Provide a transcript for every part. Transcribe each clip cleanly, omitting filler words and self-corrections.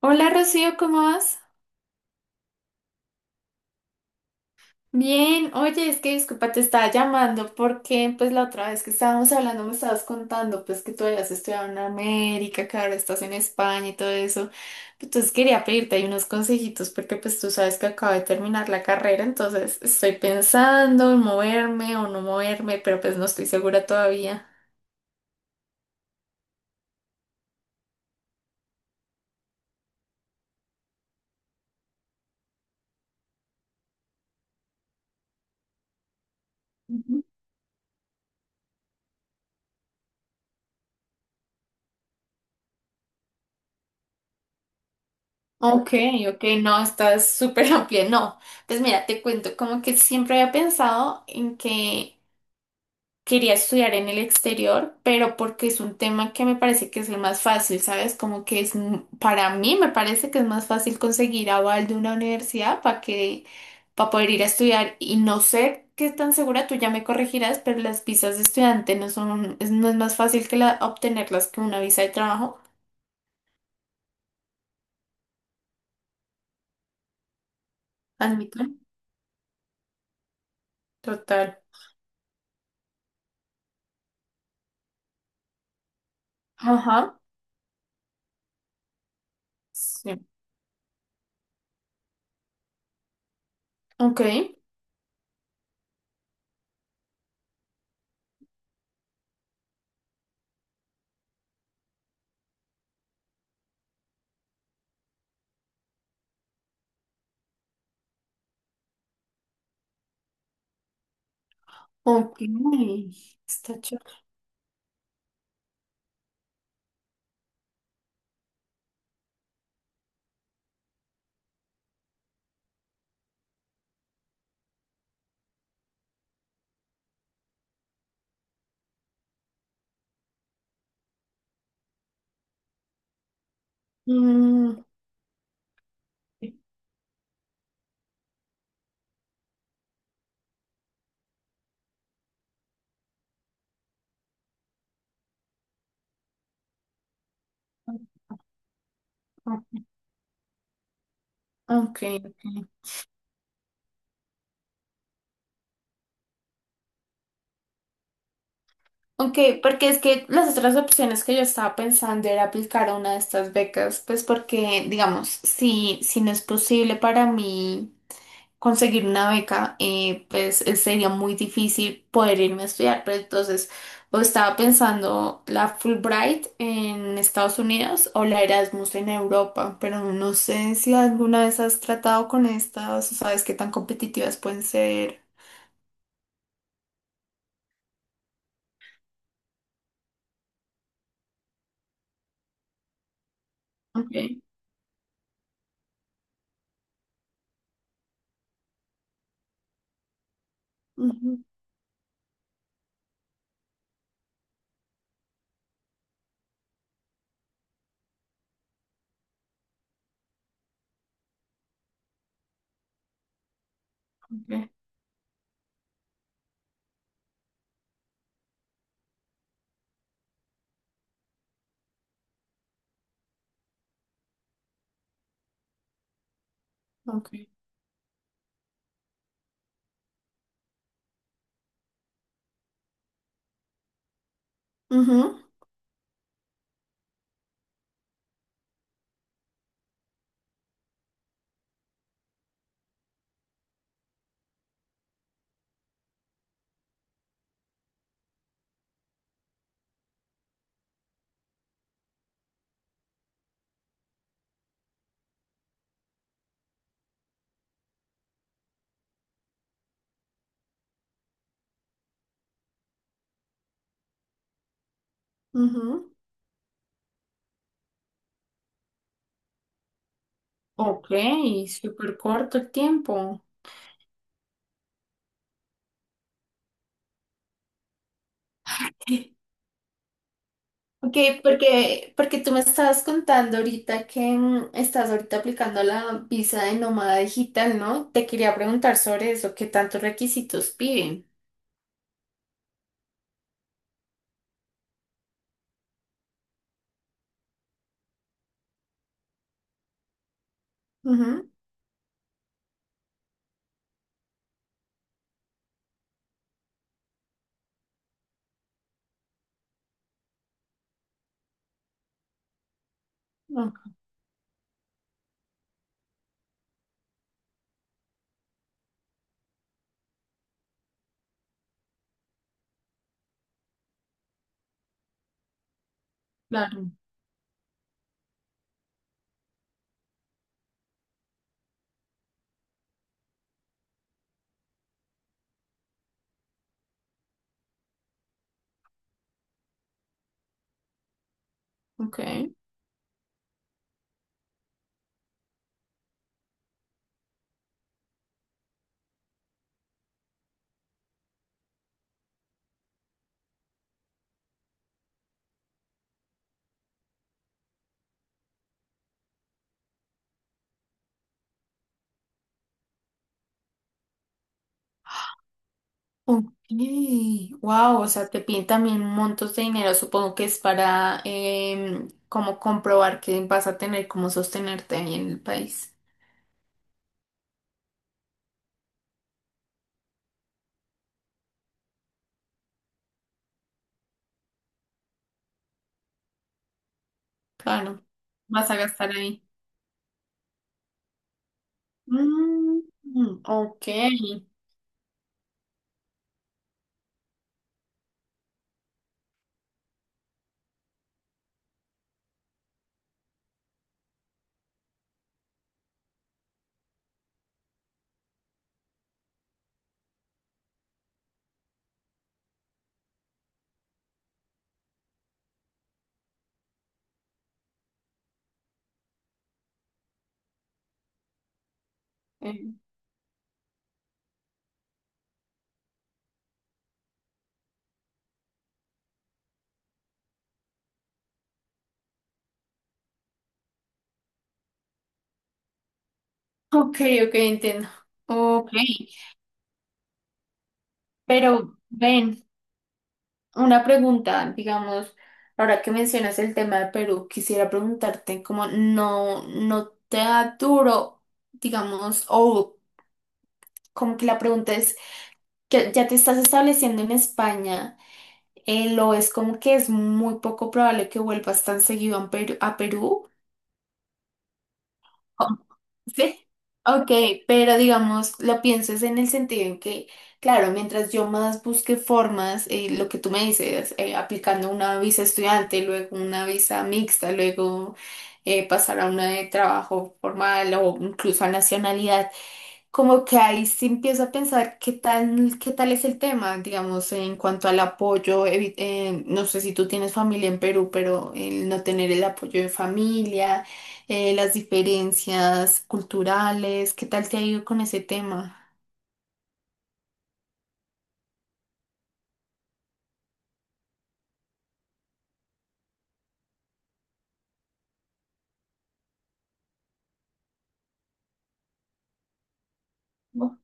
Hola Rocío, ¿cómo vas? Bien, oye, es que disculpa, te estaba llamando porque pues la otra vez que estábamos hablando me estabas contando pues que tú habías estudiado en América, que ahora estás en España y todo eso. Entonces quería pedirte ahí unos consejitos porque pues tú sabes que acabo de terminar la carrera, entonces estoy pensando en moverme o no moverme, pero pues no estoy segura todavía. Ujú. Ok, ok, no, estás súper amplia. No, pues mira, te cuento, como que siempre había pensado en que quería estudiar en el exterior, pero porque es un tema que me parece que es el más fácil, ¿sabes? Como que es, para mí me parece que es más fácil conseguir aval de una universidad para que, para poder ir a estudiar y no sé qué tan segura, tú ya me corregirás, pero las visas de estudiante no son, no es más fácil que la, obtenerlas que una visa de trabajo, admito. Total. Ajá. Sí. Ok. Ok. Está chulo. Mm, ok. Ok. Ok, porque es que las otras opciones que yo estaba pensando era aplicar a una de estas becas, pues porque, digamos, si no es posible para mí conseguir una beca, pues sería muy difícil poder irme a estudiar, pero entonces o estaba pensando la Fulbright en Estados Unidos o la Erasmus en Europa, pero no sé si alguna vez has tratado con estas o sabes qué tan competitivas pueden ser. Ok. Ujú, ok, ok. Ujú, ujú. Ok, súper corto el tiempo. Ok, porque, porque tú me estabas contando ahorita que estás ahorita aplicando la visa de nómada digital, ¿no? Te quería preguntar sobre eso, ¿qué tantos requisitos piden? Ujú, ah, claro, ok. Ok, wow, o sea, te piden también montos de dinero, supongo que es para como comprobar que vas a tener cómo sostenerte ahí en el país. Claro, vas a gastar ahí. Mm, ok, ok, ok, entiendo. Ok, pero ven, una pregunta, digamos, ahora que mencionas el tema de Perú, quisiera preguntarte como no, no te da duro, digamos, o como que la pregunta es, que ya te estás estableciendo en España, lo es como que es muy poco probable que vuelvas tan seguido a Perú, a Perú. Sí. Ok, pero digamos, lo pienso es en el sentido en que, claro, mientras yo más busque formas, lo que tú me dices, aplicando una visa estudiante, luego una visa mixta, luego pasar a una de trabajo formal o incluso a nacionalidad como que ahí sí empiezo a pensar qué tal es el tema, digamos, en cuanto al apoyo, no sé si tú tienes familia en Perú, pero el no tener el apoyo de familia, las diferencias culturales, ¿qué tal te ha ido con ese tema? Ujú,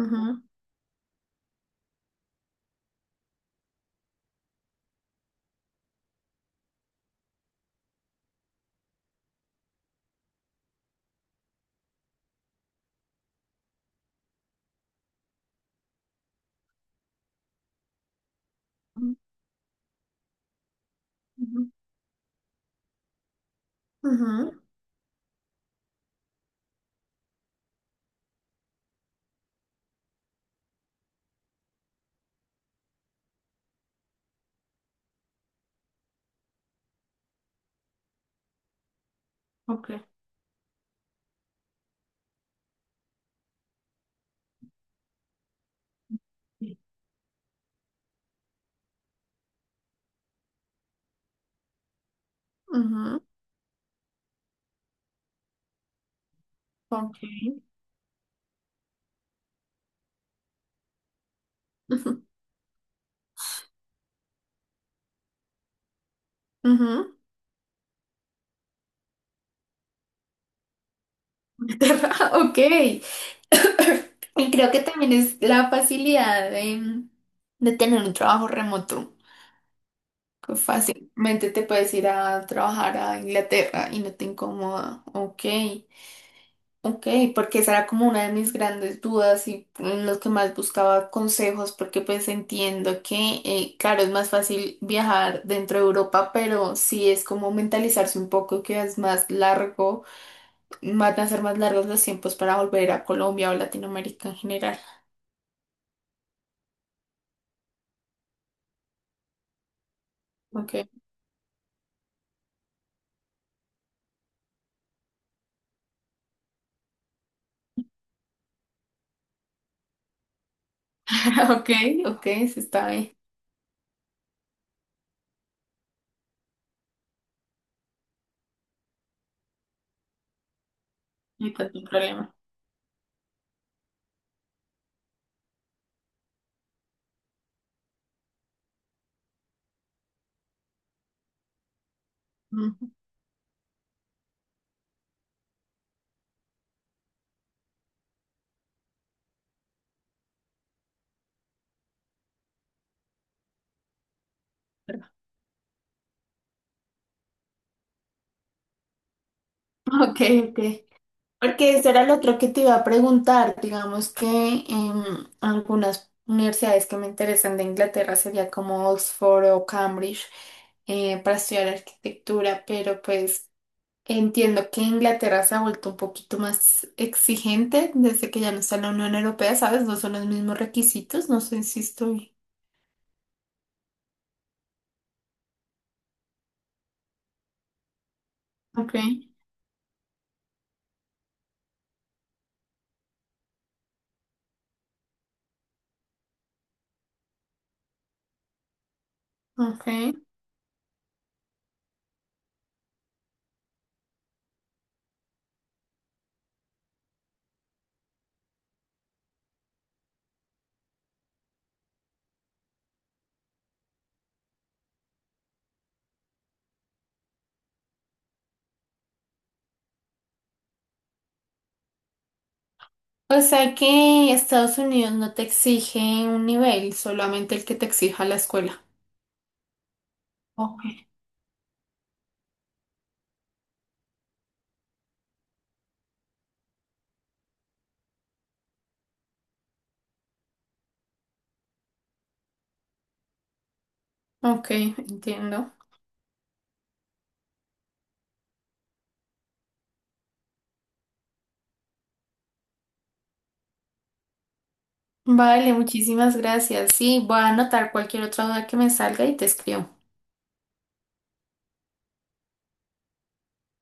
ujú, ujú, ujú. Ok. Sí. Ujú, ok, ujú, ujú. Ok. Y creo que también es la facilidad de tener un trabajo remoto. Fácilmente te puedes ir a trabajar a Inglaterra y no te incomoda. Ok, ok, porque esa era como una de mis grandes dudas y en los que más buscaba consejos, porque pues entiendo que, claro, es más fácil viajar dentro de Europa, pero sí es como mentalizarse un poco que es más largo, van a ser más largos los tiempos para volver a Colombia o Latinoamérica en general. Ok, ok, ok, se está bien, no hay tanto problema. Mm, ok, ok. Porque ese era el otro que te iba a preguntar. Digamos que em, algunas universidades que me interesan de Inglaterra sería como Oxford o Cambridge para estudiar arquitectura, pero pues entiendo que Inglaterra se ha vuelto un poquito más exigente desde que ya no está en la Unión Europea, ¿sabes? No son los mismos requisitos, no sé si estoy. Ok, ok. O sea que Estados Unidos no te exige un nivel, solamente el que te exija la escuela. Ok, ok, entiendo. Vale, muchísimas gracias. Sí, voy a anotar cualquier otra duda que me salga y te escribo.